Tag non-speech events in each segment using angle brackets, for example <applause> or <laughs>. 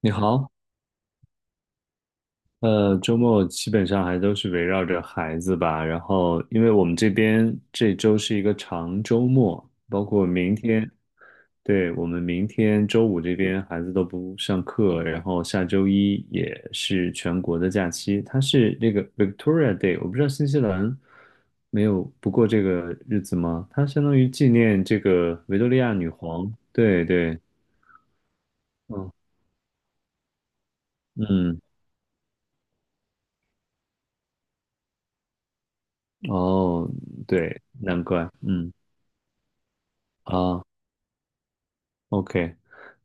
你好，周末基本上还都是围绕着孩子吧。然后，因为我们这边这周是一个长周末，包括明天，对，我们明天周五这边孩子都不上课，然后下周一也是全国的假期，它是这个 Victoria Day，我不知道新西兰没有不过这个日子吗？它相当于纪念这个维多利亚女皇。对对，嗯嗯，哦，对，难怪，嗯。啊，OK，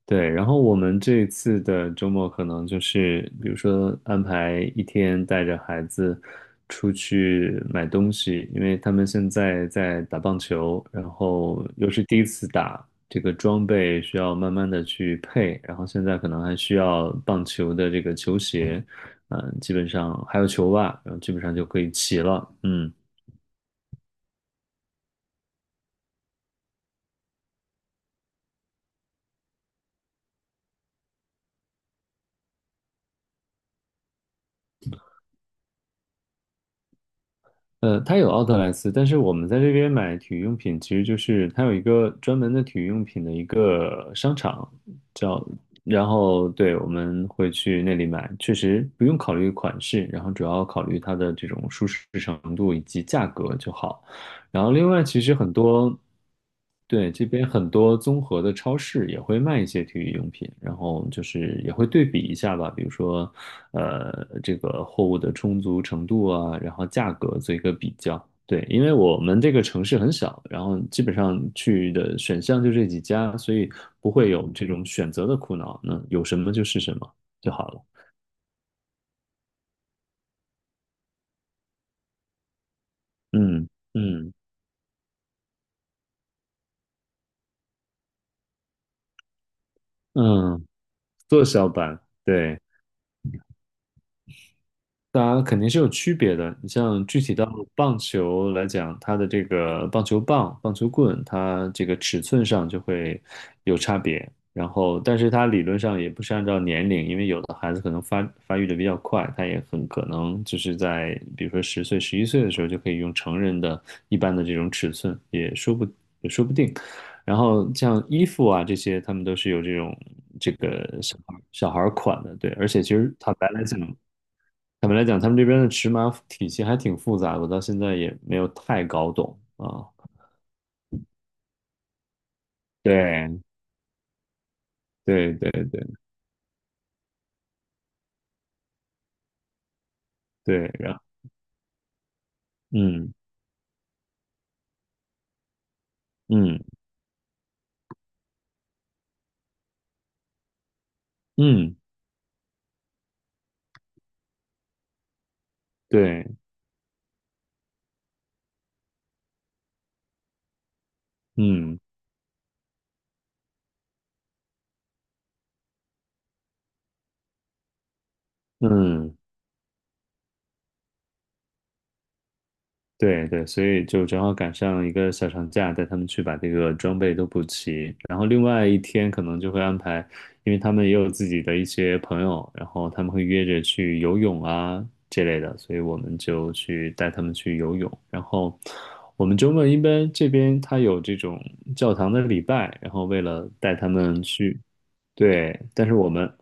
对，然后我们这一次的周末可能就是，比如说安排一天带着孩子出去买东西，因为他们现在在打棒球，然后又是第一次打，这个装备需要慢慢的去配，然后现在可能还需要棒球的这个球鞋，嗯、基本上还有球袜，然后基本上就可以齐了，嗯。它有奥特莱斯，但是我们在这边买体育用品，其实就是它有一个专门的体育用品的一个商场，叫，然后对，我们会去那里买，确实不用考虑款式，然后主要考虑它的这种舒适程度以及价格就好。然后另外，其实很多，对，这边很多综合的超市也会卖一些体育用品，然后就是也会对比一下吧，比如说，这个货物的充足程度啊，然后价格做一个比较。对，因为我们这个城市很小，然后基本上去的选项就这几家，所以不会有这种选择的苦恼。那有什么就是什么就好了。嗯嗯嗯，缩小版，对。当然肯定是有区别的。你像具体到棒球来讲，它的这个棒球棒、棒球棍，它这个尺寸上就会有差别。然后，但是它理论上也不是按照年龄，因为有的孩子可能发育的比较快，他也很可能就是在比如说十岁、十一岁的时候就可以用成人的一般的这种尺寸，也说不定。然后像衣服啊这些，他们都是有这种这个小孩儿款的，对。而且其实坦白来讲，他们这边的尺码体系还挺复杂的，我到现在也没有太搞懂啊。对对对对对，然后嗯嗯嗯，对，嗯嗯。对对，所以就正好赶上一个小长假，带他们去把这个装备都补齐。然后另外一天可能就会安排，因为他们也有自己的一些朋友，然后他们会约着去游泳啊这类的，所以我们就去带他们去游泳。然后我们周末一般这边他有这种教堂的礼拜，然后为了带他们去，对，但是我们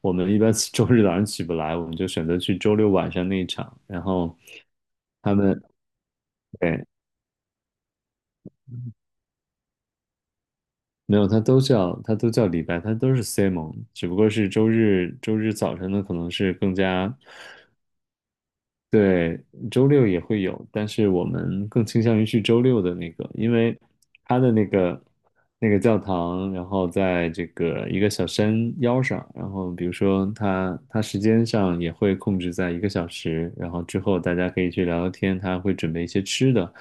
我们一般 <laughs> 周日早上起不来，我们就选择去周六晚上那一场，然后。他们对，没有，他都叫李白，他都是 Simon，只不过是周日早晨的可能是更加。对，周六也会有，但是我们更倾向于去周六的那个，因为它的那个那个教堂，然后在这个一个小山腰上，然后比如说它时间上也会控制在一个小时，然后之后大家可以去聊聊天，他会准备一些吃的，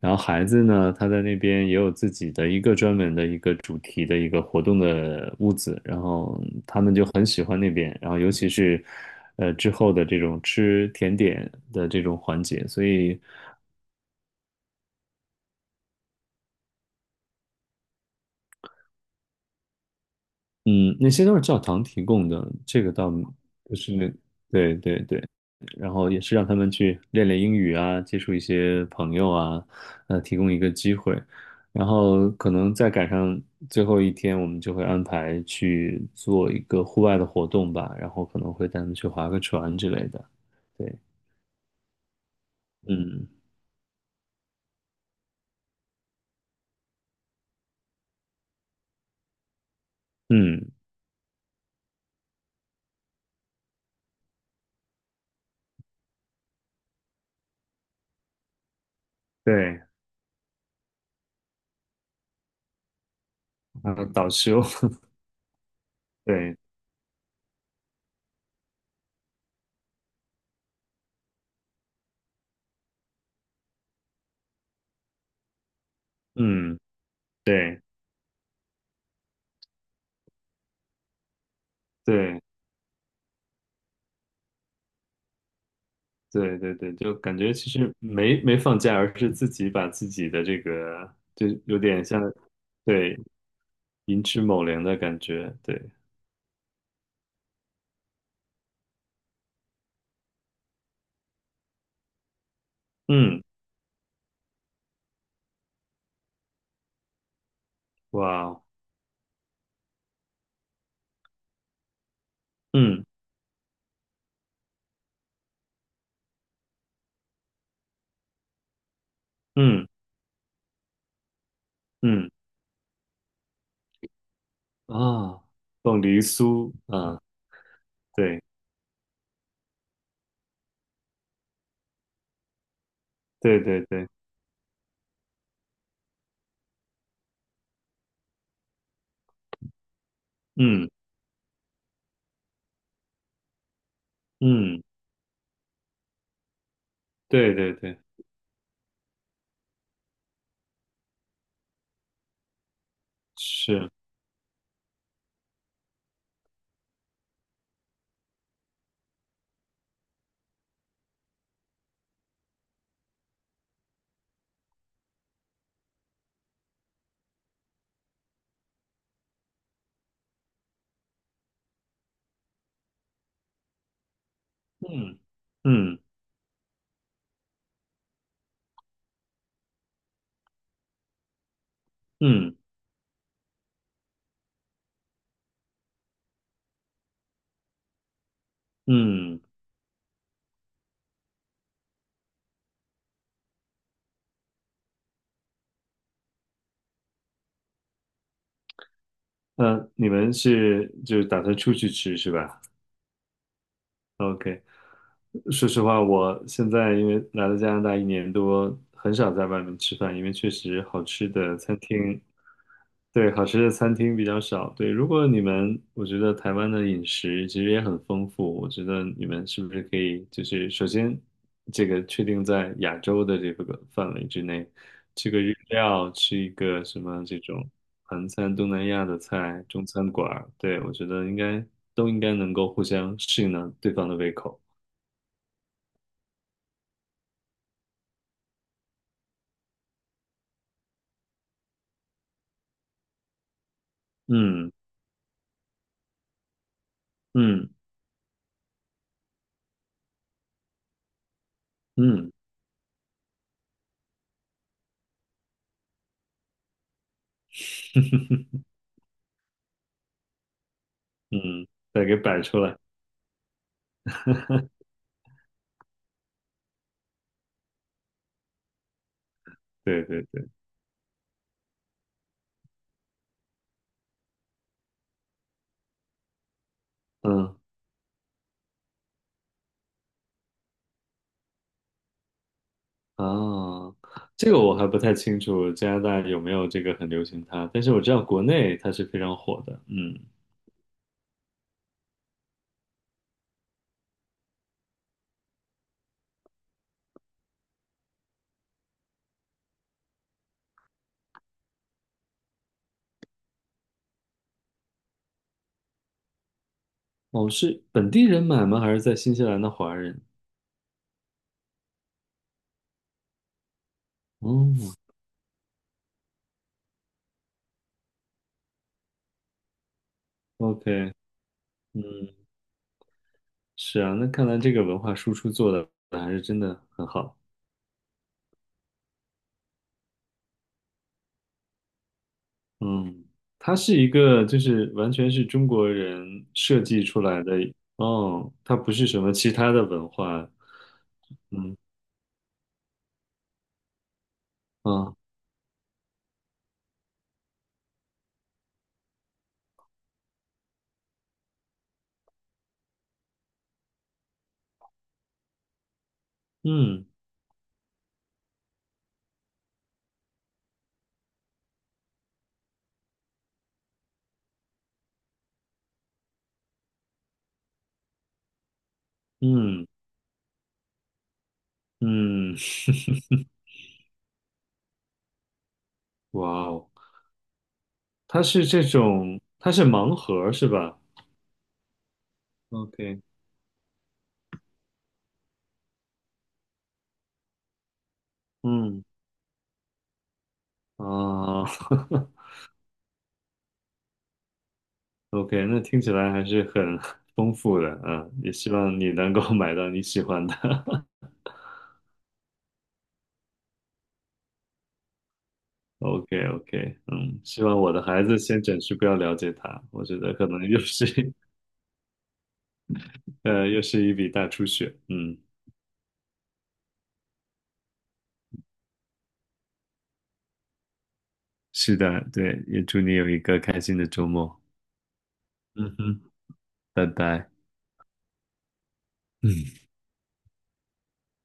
然后孩子呢，他在那边也有自己的一个专门的一个主题的一个活动的屋子，然后他们就很喜欢那边，然后尤其是。之后的这种吃甜点的这种环节，所以嗯，那些都是教堂提供的，这个倒不是，那，对对对，然后也是让他们去练练英语啊，接触一些朋友啊，提供一个机会，然后可能再赶上最后一天，我们就会安排去做一个户外的活动吧，然后可能会带他们去划个船之类的，对，嗯嗯，对，然后导修，<laughs> 对，嗯。对，对对对对，就感觉其实没放假，而是自己把自己的这个，就有点像，对，寅吃卯粮的感觉。对，嗯，哇哦，嗯嗯嗯啊，凤梨酥啊，对对对对，嗯嗯，对对对，是，嗯嗯嗯嗯，那你们是就是打算出去吃是吧？OK，说实话，我现在因为来了加拿大一年多，很少在外面吃饭，因为确实好吃的餐厅，对，好吃的餐厅比较少。对，如果你们，我觉得台湾的饮食其实也很丰富，我觉得你们是不是可以，就是首先这个确定在亚洲的这个范围之内，吃个日料，吃一个什么这种韩餐、东南亚的菜、中餐馆儿，对，我觉得应该都应该能够互相适应到对方的胃口。嗯。嗯嗯 <laughs> 嗯，再给摆出来。<laughs> 对对对，嗯啊，这个我还不太清楚加拿大有没有这个很流行它，但是我知道国内它是非常火的。嗯，哦，是本地人买吗？还是在新西兰的华人？哦，OK，嗯，是啊，那看来这个文化输出做的还是真的很好。嗯，它是一个就是完全是中国人设计出来的，哦，它不是什么其他的文化啊，嗯嗯嗯，<laughs> 哇哦，它是这种，它是盲盒是吧？OK，嗯啊 <laughs>，OK，那听起来还是很丰富的，嗯，也希望你能够 <laughs> 买到你喜欢的。<laughs> o k o k 嗯，希望我的孩子先暂时不要了解它，我觉得可能又是 <laughs> 又是一笔大出血。嗯，是的，对，也祝你有一个开心的周末。嗯哼，拜拜。嗯。